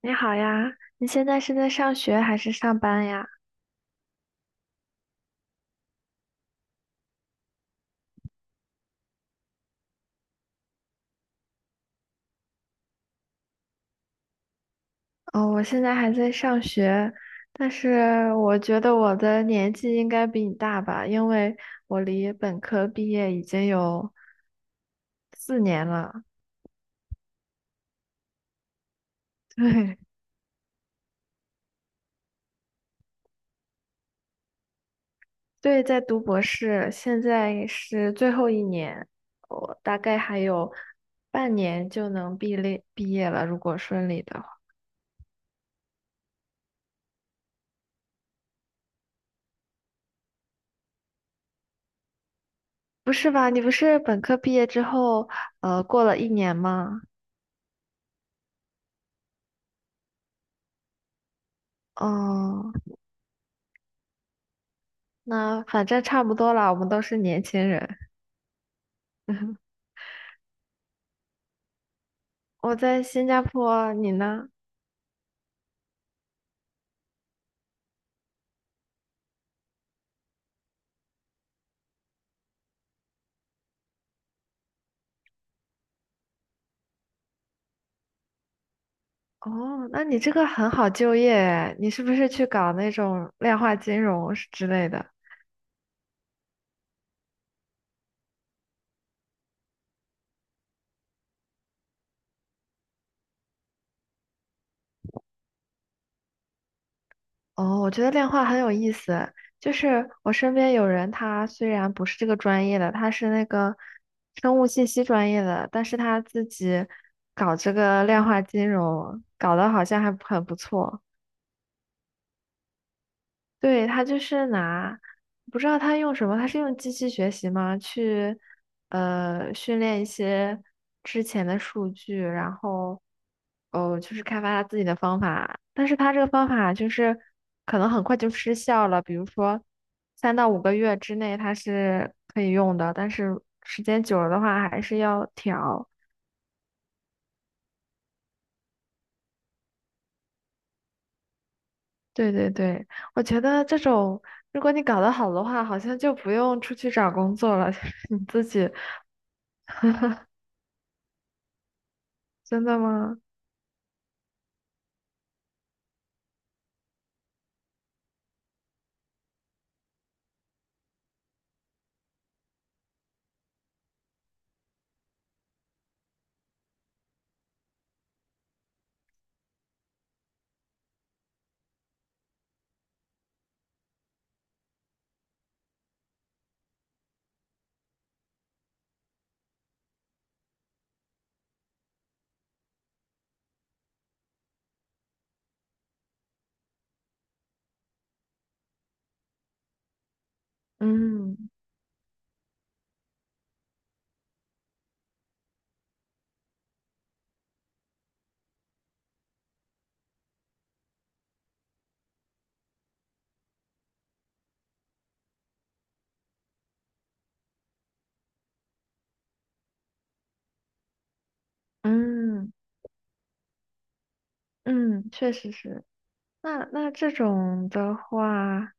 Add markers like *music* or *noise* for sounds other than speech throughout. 你好呀，你现在是在上学还是上班呀？哦，我现在还在上学，但是我觉得我的年纪应该比你大吧，因为我离本科毕业已经有4年了。*laughs* 对，对，在读博士，现在是最后一年，我大概还有半年就能毕业了，如果顺利的话。不是吧？你不是本科毕业之后，过了一年吗？哦。那反正差不多了，我们都是年轻人。*laughs* 我在新加坡，你呢？哦，那你这个很好就业诶，你是不是去搞那种量化金融是之类的？哦，我觉得量化很有意思，就是我身边有人，他虽然不是这个专业的，他是那个生物信息专业的，但是他自己搞这个量化金融，搞得好像还很不错。对，他就是拿，不知道他用什么，他是用机器学习吗？去，训练一些之前的数据，然后，哦，就是开发他自己的方法。但是他这个方法就是可能很快就失效了，比如说3到5个月之内他是可以用的，但是时间久了的话还是要调。对对对，我觉得这种如果你搞得好的话，好像就不用出去找工作了，*laughs* 你自己。真的吗？嗯嗯嗯，确实是。那这种的话，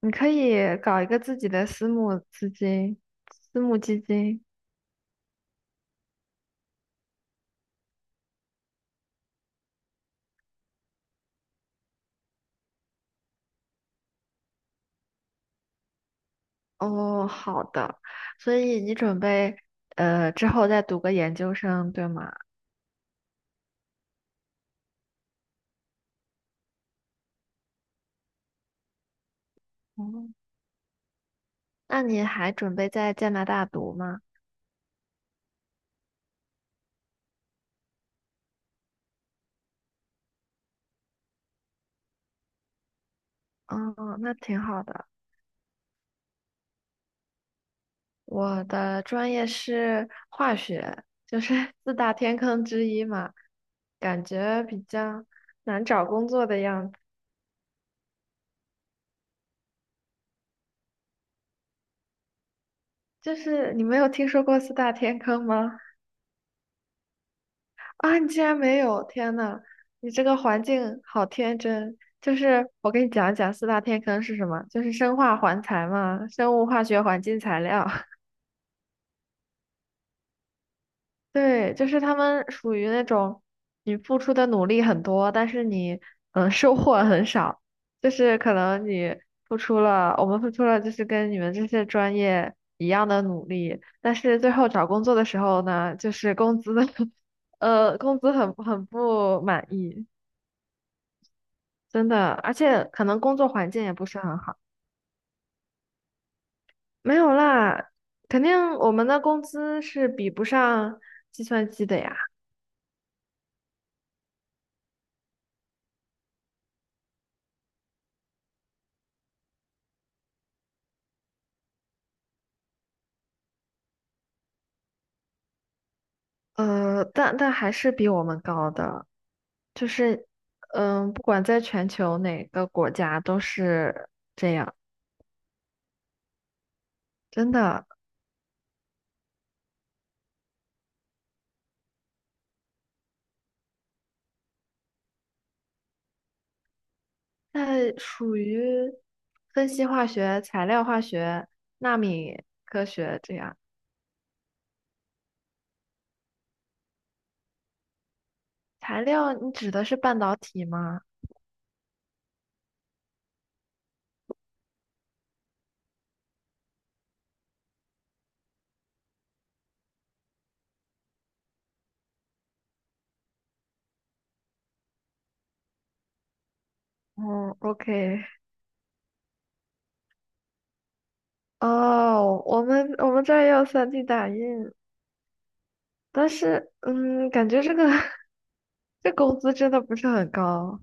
你可以搞一个自己的私募基金。哦，好的。所以你准备之后再读个研究生，对吗？哦，那你还准备在加拿大读吗？哦，那挺好的。我的专业是化学，就是 *laughs* 四大天坑之一嘛，感觉比较难找工作的样子。就是你没有听说过四大天坑吗？啊，你竟然没有！天呐，你这个环境好天真。就是我给你讲一讲四大天坑是什么，就是生化环材嘛，生物化学环境材料。对，就是他们属于那种你付出的努力很多，但是你收获很少，就是可能你付出了，我们付出了就是跟你们这些专业一样的努力，但是最后找工作的时候呢，就是工资 *laughs* 工资很不满意，真的，而且可能工作环境也不是很好。没有啦，肯定我们的工资是比不上计算机的呀。但还是比我们高的，就是，不管在全球哪个国家都是这样，真的。那属于分析化学、材料化学、纳米科学这样。材料，你指的是半导体吗？嗯，OK。哦，我们这儿也有 3D 打印，但是，感觉这个 *laughs* 这工资真的不是很高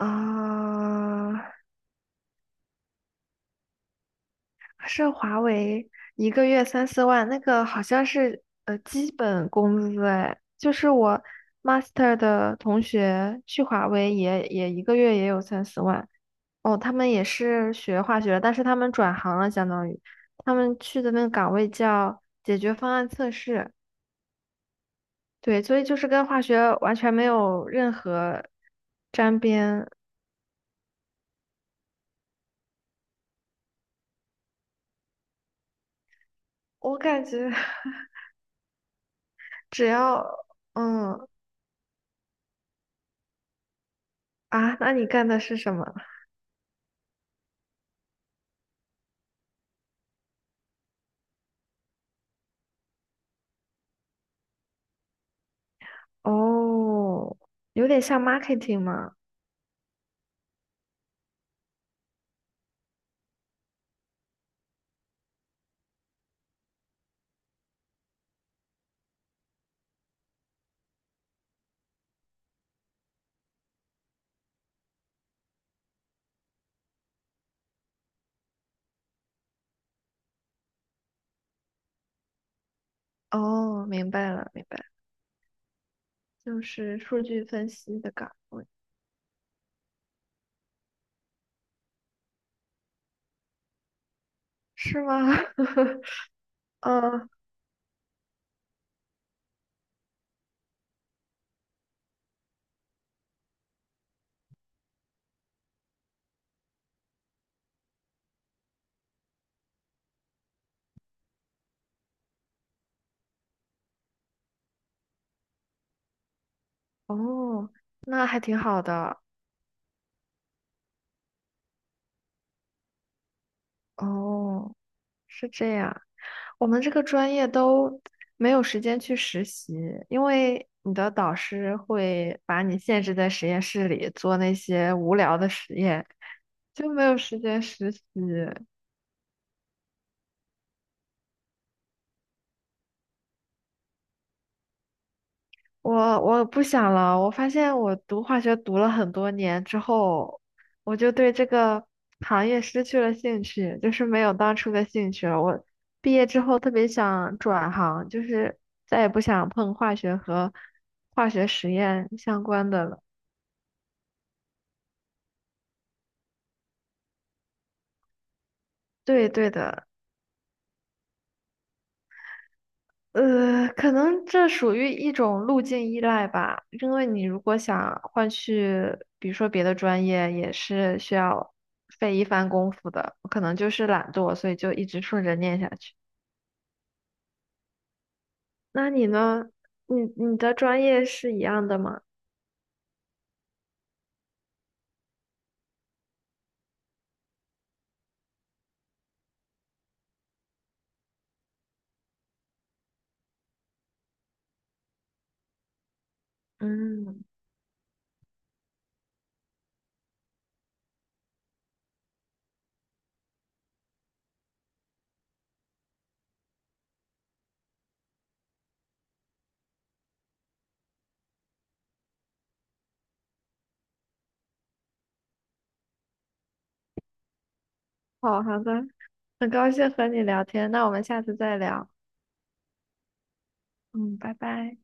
啊。是华为一个月三四万，那个好像是基本工资哎，就是我 master 的同学去华为也一个月也有三四万哦，他们也是学化学的但是他们转行了，相当于他们去的那个岗位叫解决方案测试，对，所以就是跟化学完全没有任何沾边，我感觉 *laughs* 只要嗯那你干的是什么？哦，有点像 marketing 吗？哦，明白了，明白了就是数据分析的岗位，是吗？*laughs* 嗯，哦，那还挺好的。哦，是这样，我们这个专业都没有时间去实习，因为你的导师会把你限制在实验室里做那些无聊的实验，就没有时间实习。我不想了，我发现我读化学读了很多年之后，我就对这个行业失去了兴趣，就是没有当初的兴趣了。我毕业之后特别想转行，就是再也不想碰化学和化学实验相关的了。对对的，可能这属于一种路径依赖吧，因为你如果想换去，比如说别的专业，也是需要费一番功夫的。我可能就是懒惰，所以就一直顺着念下去。那你呢？你的专业是一样的吗？嗯，好好的，很高兴和你聊天，那我们下次再聊。嗯，拜拜。